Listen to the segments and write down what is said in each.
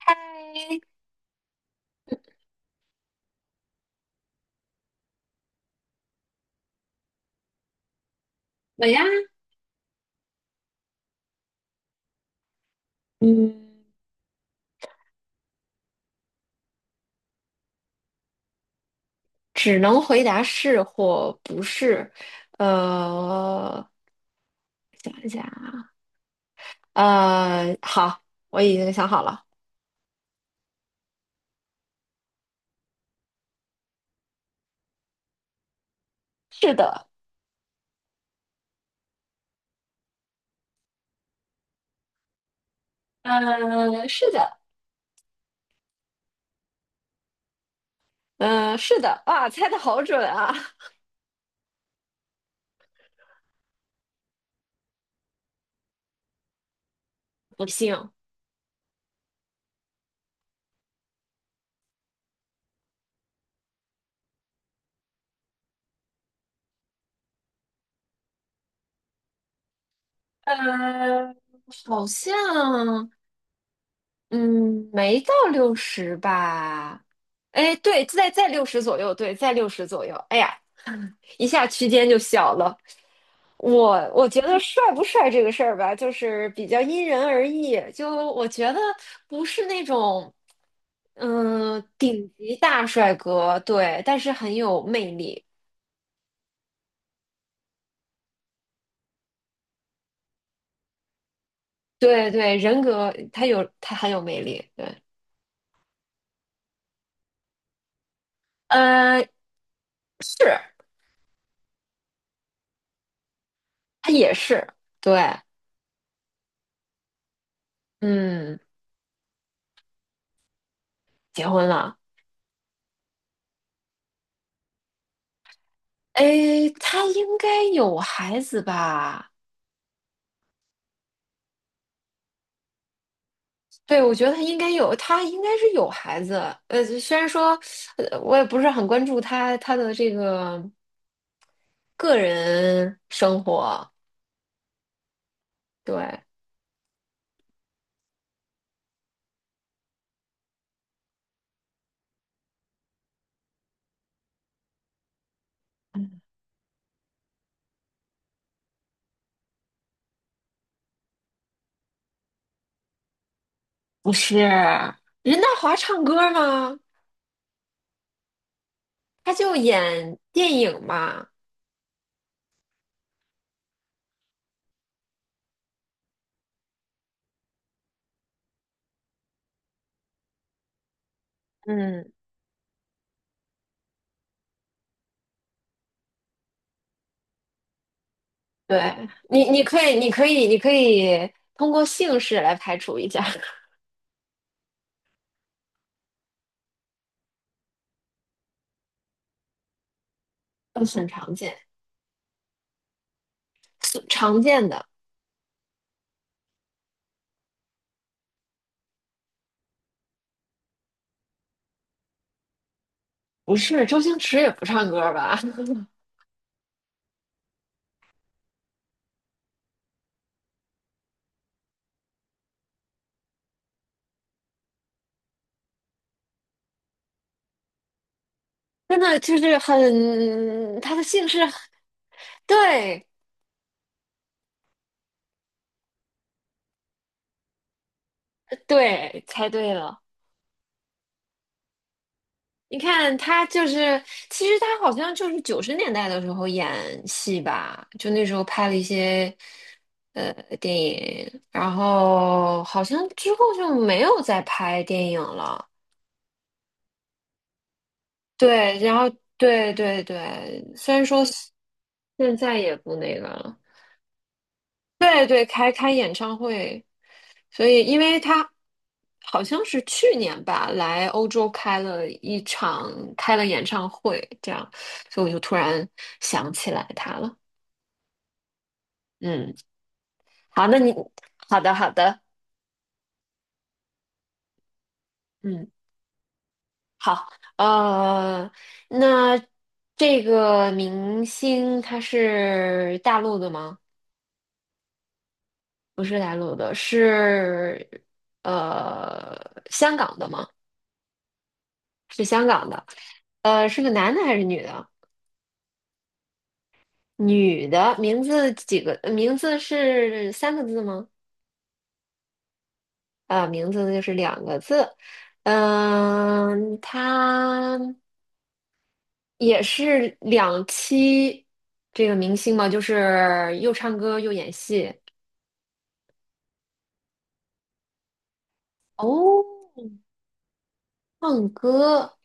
嗨，我呀，嗯，只能回答是或不是。呃，想一下啊。好，我已经想好了。是的。是的。嗯、是的。哇，猜的好准啊！不信。呃，好像，嗯，没到六十吧？哎，对，在六十左右，对，在六十左右。哎呀，一下区间就小了。我觉得帅不帅这个事儿吧，就是比较因人而异。就我觉得不是那种，顶级大帅哥，对，但是很有魅力。对对，人格他很有魅力。对。呃，是。他也是。对。嗯，结婚了。哎，他应该有孩子吧？对，我觉得他应该有，他应该是有孩子。虽然说，我也不是很关注他的这个个人生活。对。不是，任达华唱歌吗？他就演电影嘛。嗯，对，你可以通过姓氏来排除一下。都很常见，是常见的。不是，周星驰也不唱歌吧？真的就是很，他的姓氏，对。对，猜对了。你看他就是，其实他好像就是90年代的时候演戏吧，就那时候拍了一些呃电影，然后好像之后就没有再拍电影了。对，然后对对对，虽然说现在也不那个了。对对，开演唱会，所以因为他好像是去年吧，来欧洲开了一场，开了演唱会，这样，所以我就突然想起来他了。嗯，好。那你好的好的。嗯，好，呃，那这个明星他是大陆的吗？不是大陆的，是呃香港的吗？是香港的。是个男的还是女的？女的，名字几个？名字是三个字吗？啊、名字就是两个字。他也是两栖这个明星嘛，就是又唱歌又演戏。哦，唱歌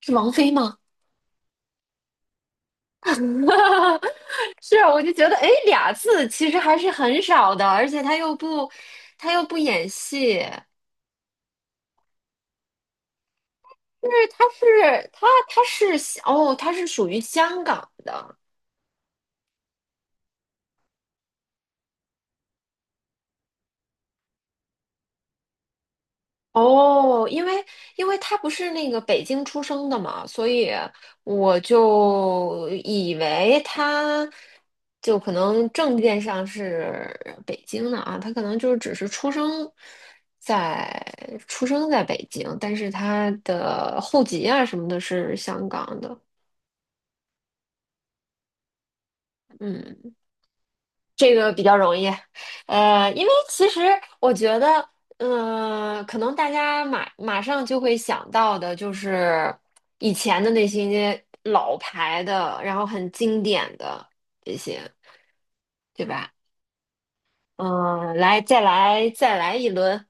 是王菲吗？是。啊，我就觉得，哎，俩字其实还是很少的，而且他又不演戏。就是它是属于香港的。哦，因为他不是那个北京出生的嘛，所以我就以为他就可能证件上是北京的啊，他可能就是只是在出生在北京，但是他的户籍啊什么的是香港的。嗯。这个比较容易，因为其实我觉得，嗯、可能大家马上就会想到的就是以前的那些老牌的，然后很经典的这些，对吧？嗯、来，再来一轮。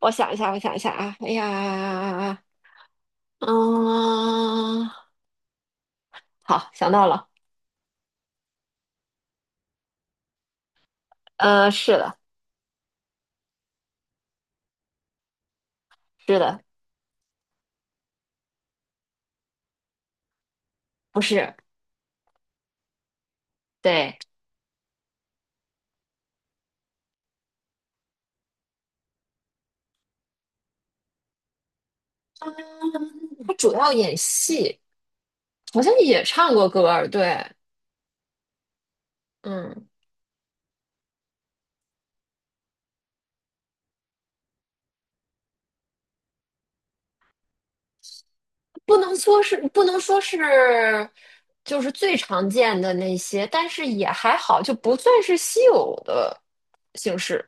我想一下啊，哎呀，嗯、好，想到了。是的。是的。不是。对，他主要演戏。好像也唱过歌，对。嗯，不能说是就是最常见的那些，但是也还好，就不算是稀有的姓氏。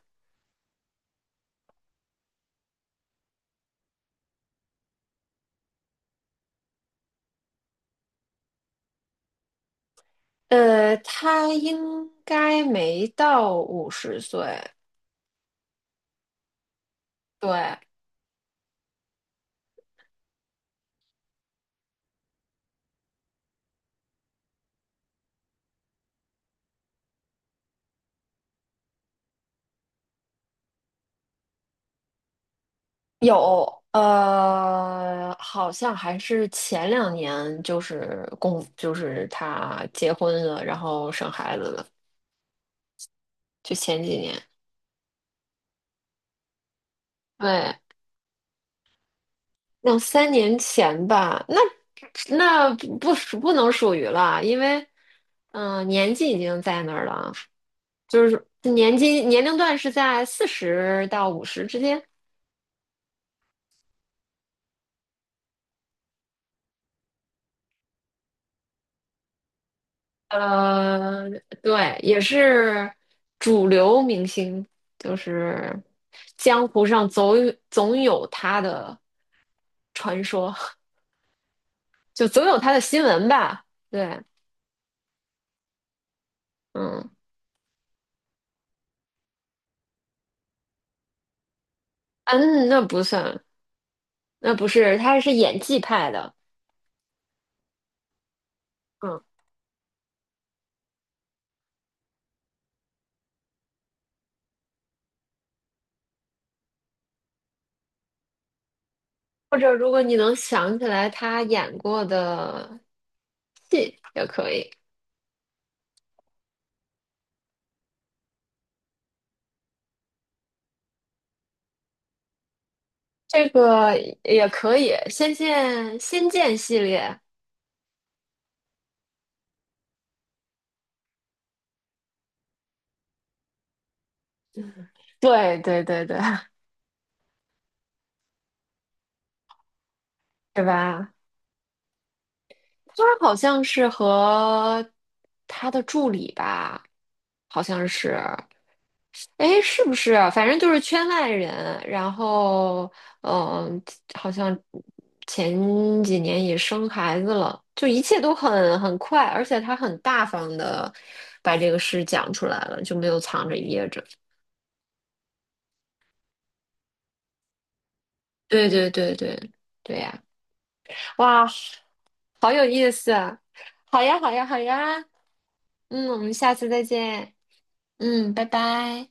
他应该没到50岁。对。有。好像还是前两年就是公就是他结婚了，然后生孩子了，就前几年。对。两三年前吧。那不属不能属于了。因为年纪已经在那儿了，就是年龄段是在40到五十之间。呃，对，也是主流明星，就是江湖上总有他的传说。就总有他的新闻吧。对。嗯嗯，那不算，那不是，他是演技派的。嗯。或者如果你能想起来他演过的戏也可以，这个也可以，《仙剑》系列。对对对对。对吧？他好像是和他的助理吧，好像是。哎，是不是啊反正就是圈外人，然后嗯，好像前几年也生孩子了，就一切都很快，而且他很大方的把这个事讲出来了，就没有藏着掖着。对对对对对呀。哇，好有意思啊！好呀好呀好呀。嗯，我们下次再见。嗯，拜拜。